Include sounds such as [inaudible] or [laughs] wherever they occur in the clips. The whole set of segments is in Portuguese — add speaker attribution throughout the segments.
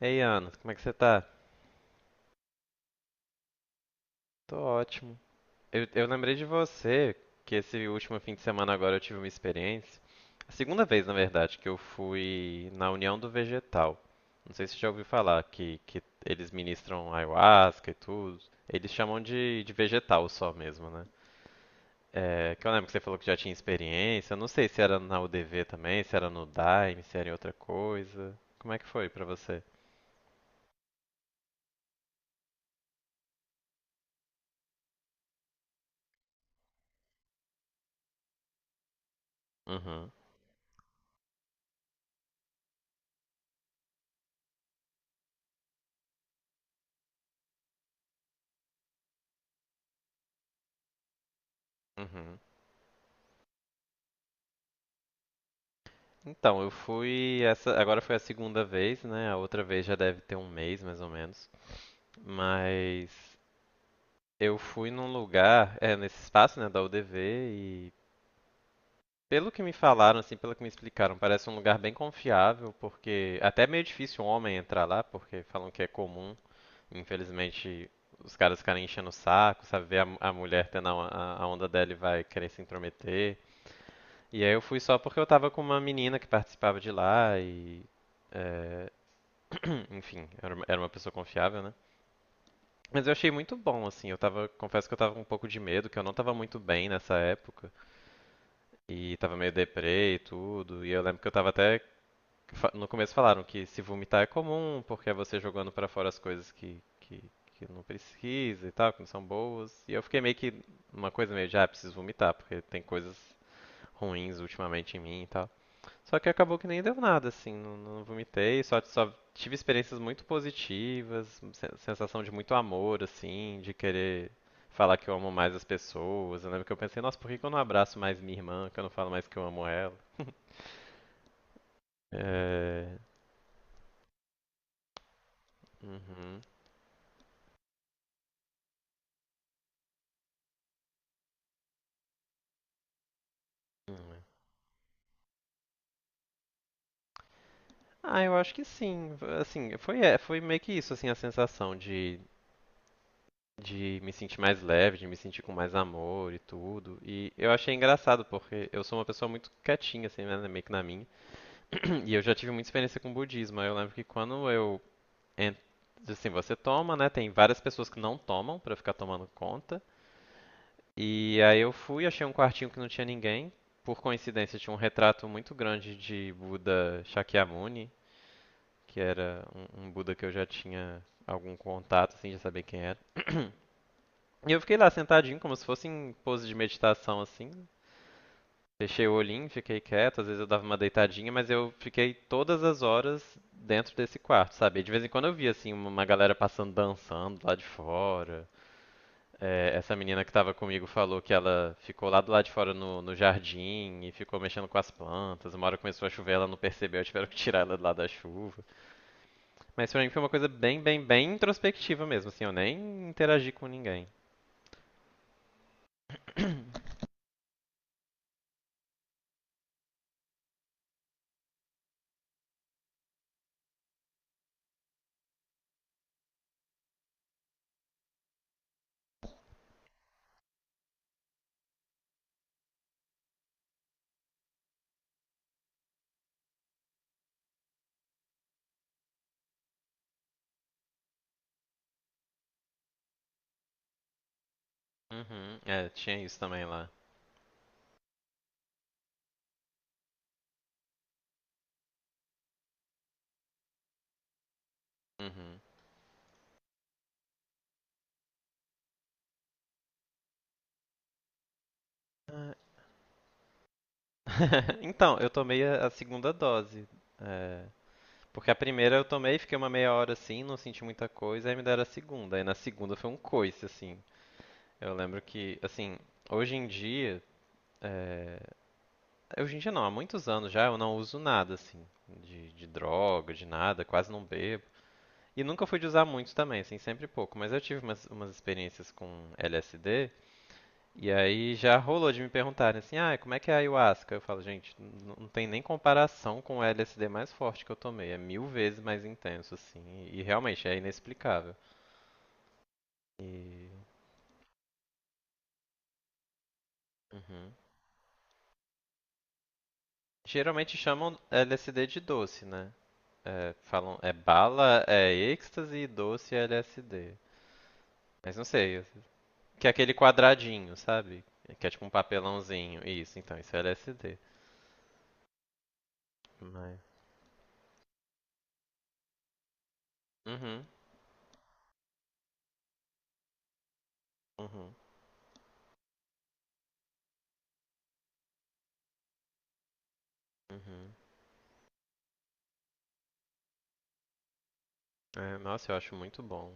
Speaker 1: Ei, Ana, como é que você tá? Tô ótimo. Eu lembrei de você, que esse último fim de semana agora eu tive uma experiência. A segunda vez, na verdade, que eu fui na União do Vegetal. Não sei se você já ouviu falar que eles ministram ayahuasca e tudo. Eles chamam de vegetal só mesmo, né? É, que eu lembro que você falou que já tinha experiência. Eu não sei se era na UDV também, se era no Daime, se era em outra coisa. Como é que foi pra você? Uhum, uhum. Então, eu fui essa, agora foi a segunda vez, né? A outra vez já deve ter um mês, mais ou menos. Mas eu fui num lugar, é, nesse espaço, né, da UDV e pelo que me falaram, assim, pelo que me explicaram, parece um lugar bem confiável, porque até é meio difícil um homem entrar lá, porque falam que é comum, infelizmente, os caras ficarem enchendo o saco, sabe? Ver a mulher tendo a onda dela e vai querer se intrometer. E aí eu fui só porque eu tava com uma menina que participava de lá e é, enfim, era uma pessoa confiável, né? Mas eu achei muito bom, assim. Eu tava, confesso que eu tava com um pouco de medo, que eu não tava muito bem nessa época. E tava meio deprê e tudo. E eu lembro que eu tava até. No começo falaram que se vomitar é comum, porque é você jogando pra fora as coisas que não precisa e tal, que não são boas. E eu fiquei meio que numa coisa meio de, ah, preciso vomitar, porque tem coisas ruins ultimamente em mim e tal. Só que acabou que nem deu nada, assim, não vomitei, só tive experiências muito positivas, sensação de muito amor, assim, de querer falar que eu amo mais as pessoas. Eu lembro que eu pensei, nossa, por que que eu não abraço mais minha irmã, que eu não falo mais que eu amo ela? É... Uhum. Ah, eu acho que sim. Assim, foi, é, foi meio que isso, assim, a sensação de me sentir mais leve, de me sentir com mais amor e tudo. E eu achei engraçado, porque eu sou uma pessoa muito quietinha, assim, né, meio que na minha. E eu já tive muita experiência com budismo. Eu lembro que quando eu. en- Assim, você toma, né? Tem várias pessoas que não tomam pra ficar tomando conta. E aí eu fui, achei um quartinho que não tinha ninguém. Por coincidência, tinha um retrato muito grande de Buda Shakyamuni, que era um Buda que eu já tinha algum contato, assim, já sabia quem era. E eu fiquei lá sentadinho, como se fosse em pose de meditação, assim. Fechei o olhinho, fiquei quieto, às vezes eu dava uma deitadinha, mas eu fiquei todas as horas dentro desse quarto, sabe? E de vez em quando eu via assim uma galera passando dançando lá de fora. É, essa menina que estava comigo falou que ela ficou lá do lado de fora no jardim e ficou mexendo com as plantas. Uma hora começou a chover, ela não percebeu, [laughs] tiveram que tirar ela de lá da chuva. Mas pra mim foi uma coisa bem introspectiva mesmo, assim, eu nem interagi com ninguém. [coughs] [clears throat] Uhum, é, tinha isso também lá. Uhum. [laughs] Então, eu tomei a segunda dose. é, Porque a primeira eu tomei, fiquei uma meia hora assim, não senti muita coisa, aí me deram a segunda. Aí na segunda foi um coice, assim. Eu lembro que, assim, hoje em dia. é, Hoje em dia não, há muitos anos já eu não uso nada, assim, de droga, de nada, quase não bebo. E nunca fui de usar muito também, assim, sempre pouco. Mas eu tive umas experiências com LSD. E aí já rolou de me perguntarem assim, ah, como é que é a ayahuasca? Eu falo, gente, não tem nem comparação com o LSD mais forte que eu tomei. É mil vezes mais intenso, assim. E realmente é inexplicável. E. Uhum. Geralmente chamam LSD de doce, né? É, falam, é bala, é êxtase e doce é LSD. Mas não sei, que é aquele quadradinho, sabe? Que é tipo um papelãozinho. Isso, então, isso é LSD. Mas... Uhum, uhum, uhum. É, nossa, eu acho muito bom.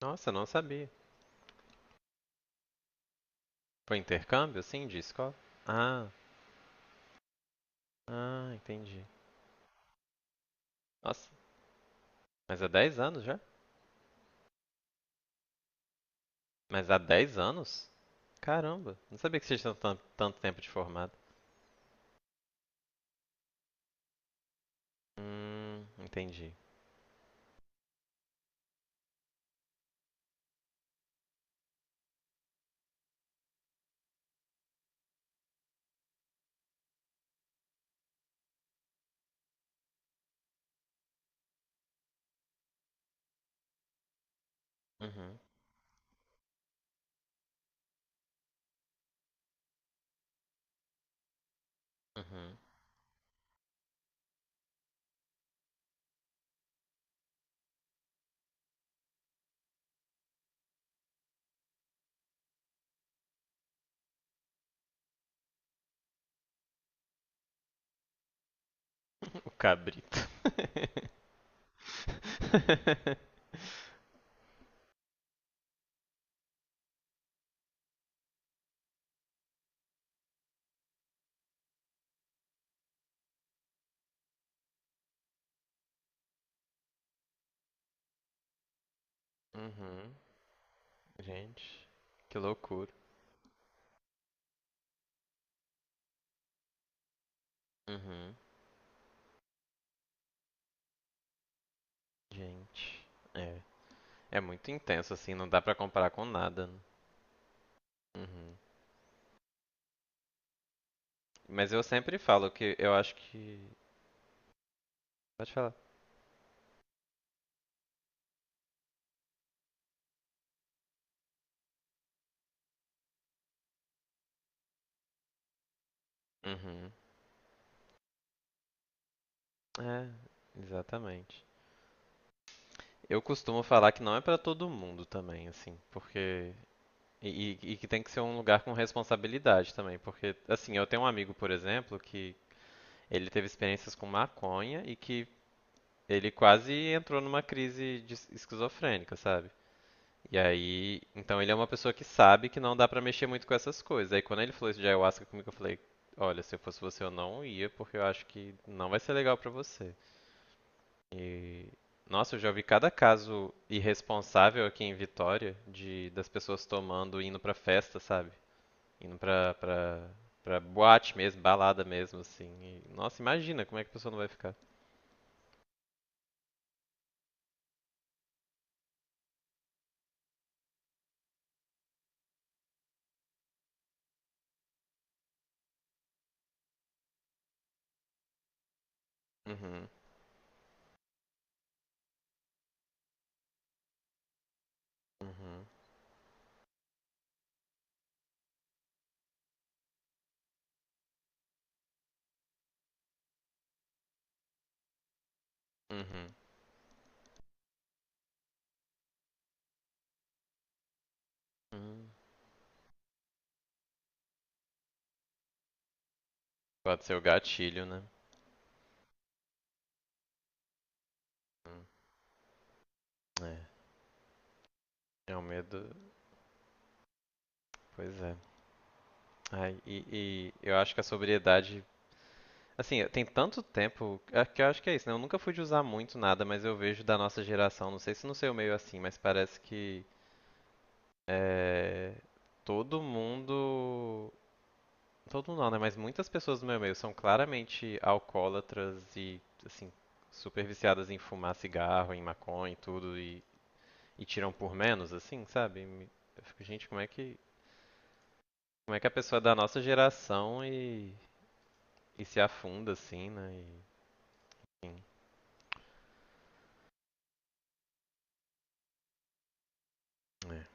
Speaker 1: Nossa, não sabia. Foi intercâmbio, assim, de escola? Ah, ah, entendi. Nossa, mas há 10 anos já? Mas há 10 anos? Caramba, não sabia que vocês tinham tanto tempo de formado. Entendi. Uhum, uhum. [laughs] O cabrito. [laughs] Uhum, gente, que loucura. Uhum, gente. É, é muito intenso, assim, não dá pra comparar com nada, né? Uhum. Mas eu sempre falo que eu acho que... Pode falar. Uhum. É, exatamente. Eu costumo falar que não é pra todo mundo também, assim, porque. E, e que tem que ser um lugar com responsabilidade também, porque, assim, eu tenho um amigo, por exemplo, que ele teve experiências com maconha e que ele quase entrou numa crise de esquizofrênica, sabe? E aí, então ele é uma pessoa que sabe que não dá pra mexer muito com essas coisas. Aí quando ele falou isso de ayahuasca comigo, eu falei, olha, se eu fosse você, eu não ia, porque eu acho que não vai ser legal pra você. E, nossa, eu já ouvi cada caso irresponsável aqui em Vitória de das pessoas tomando, e indo pra festa, sabe? Indo pra boate mesmo, balada mesmo, assim. E, nossa, imagina como é que a pessoa não vai ficar. Uhum, uhum, uhum. Hum, pode ser o gatilho, né? Hum, é, é um medo. Pois é. Ai, e eu acho que a sobriedade. Assim, tem tanto tempo é que eu acho que é isso, né? Eu nunca fui de usar muito nada, mas eu vejo da nossa geração, não sei se no seu meio é assim, mas parece que é, todo mundo. Todo mundo não, né? Mas muitas pessoas do meu meio são claramente alcoólatras e, assim, super viciadas em fumar cigarro, em maconha e tudo, e tiram por menos, assim, sabe? Eu fico, gente, como é que a pessoa da nossa geração e se afunda assim, né? E, enfim, é.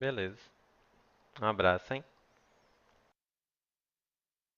Speaker 1: Beleza. Um abraço, hein?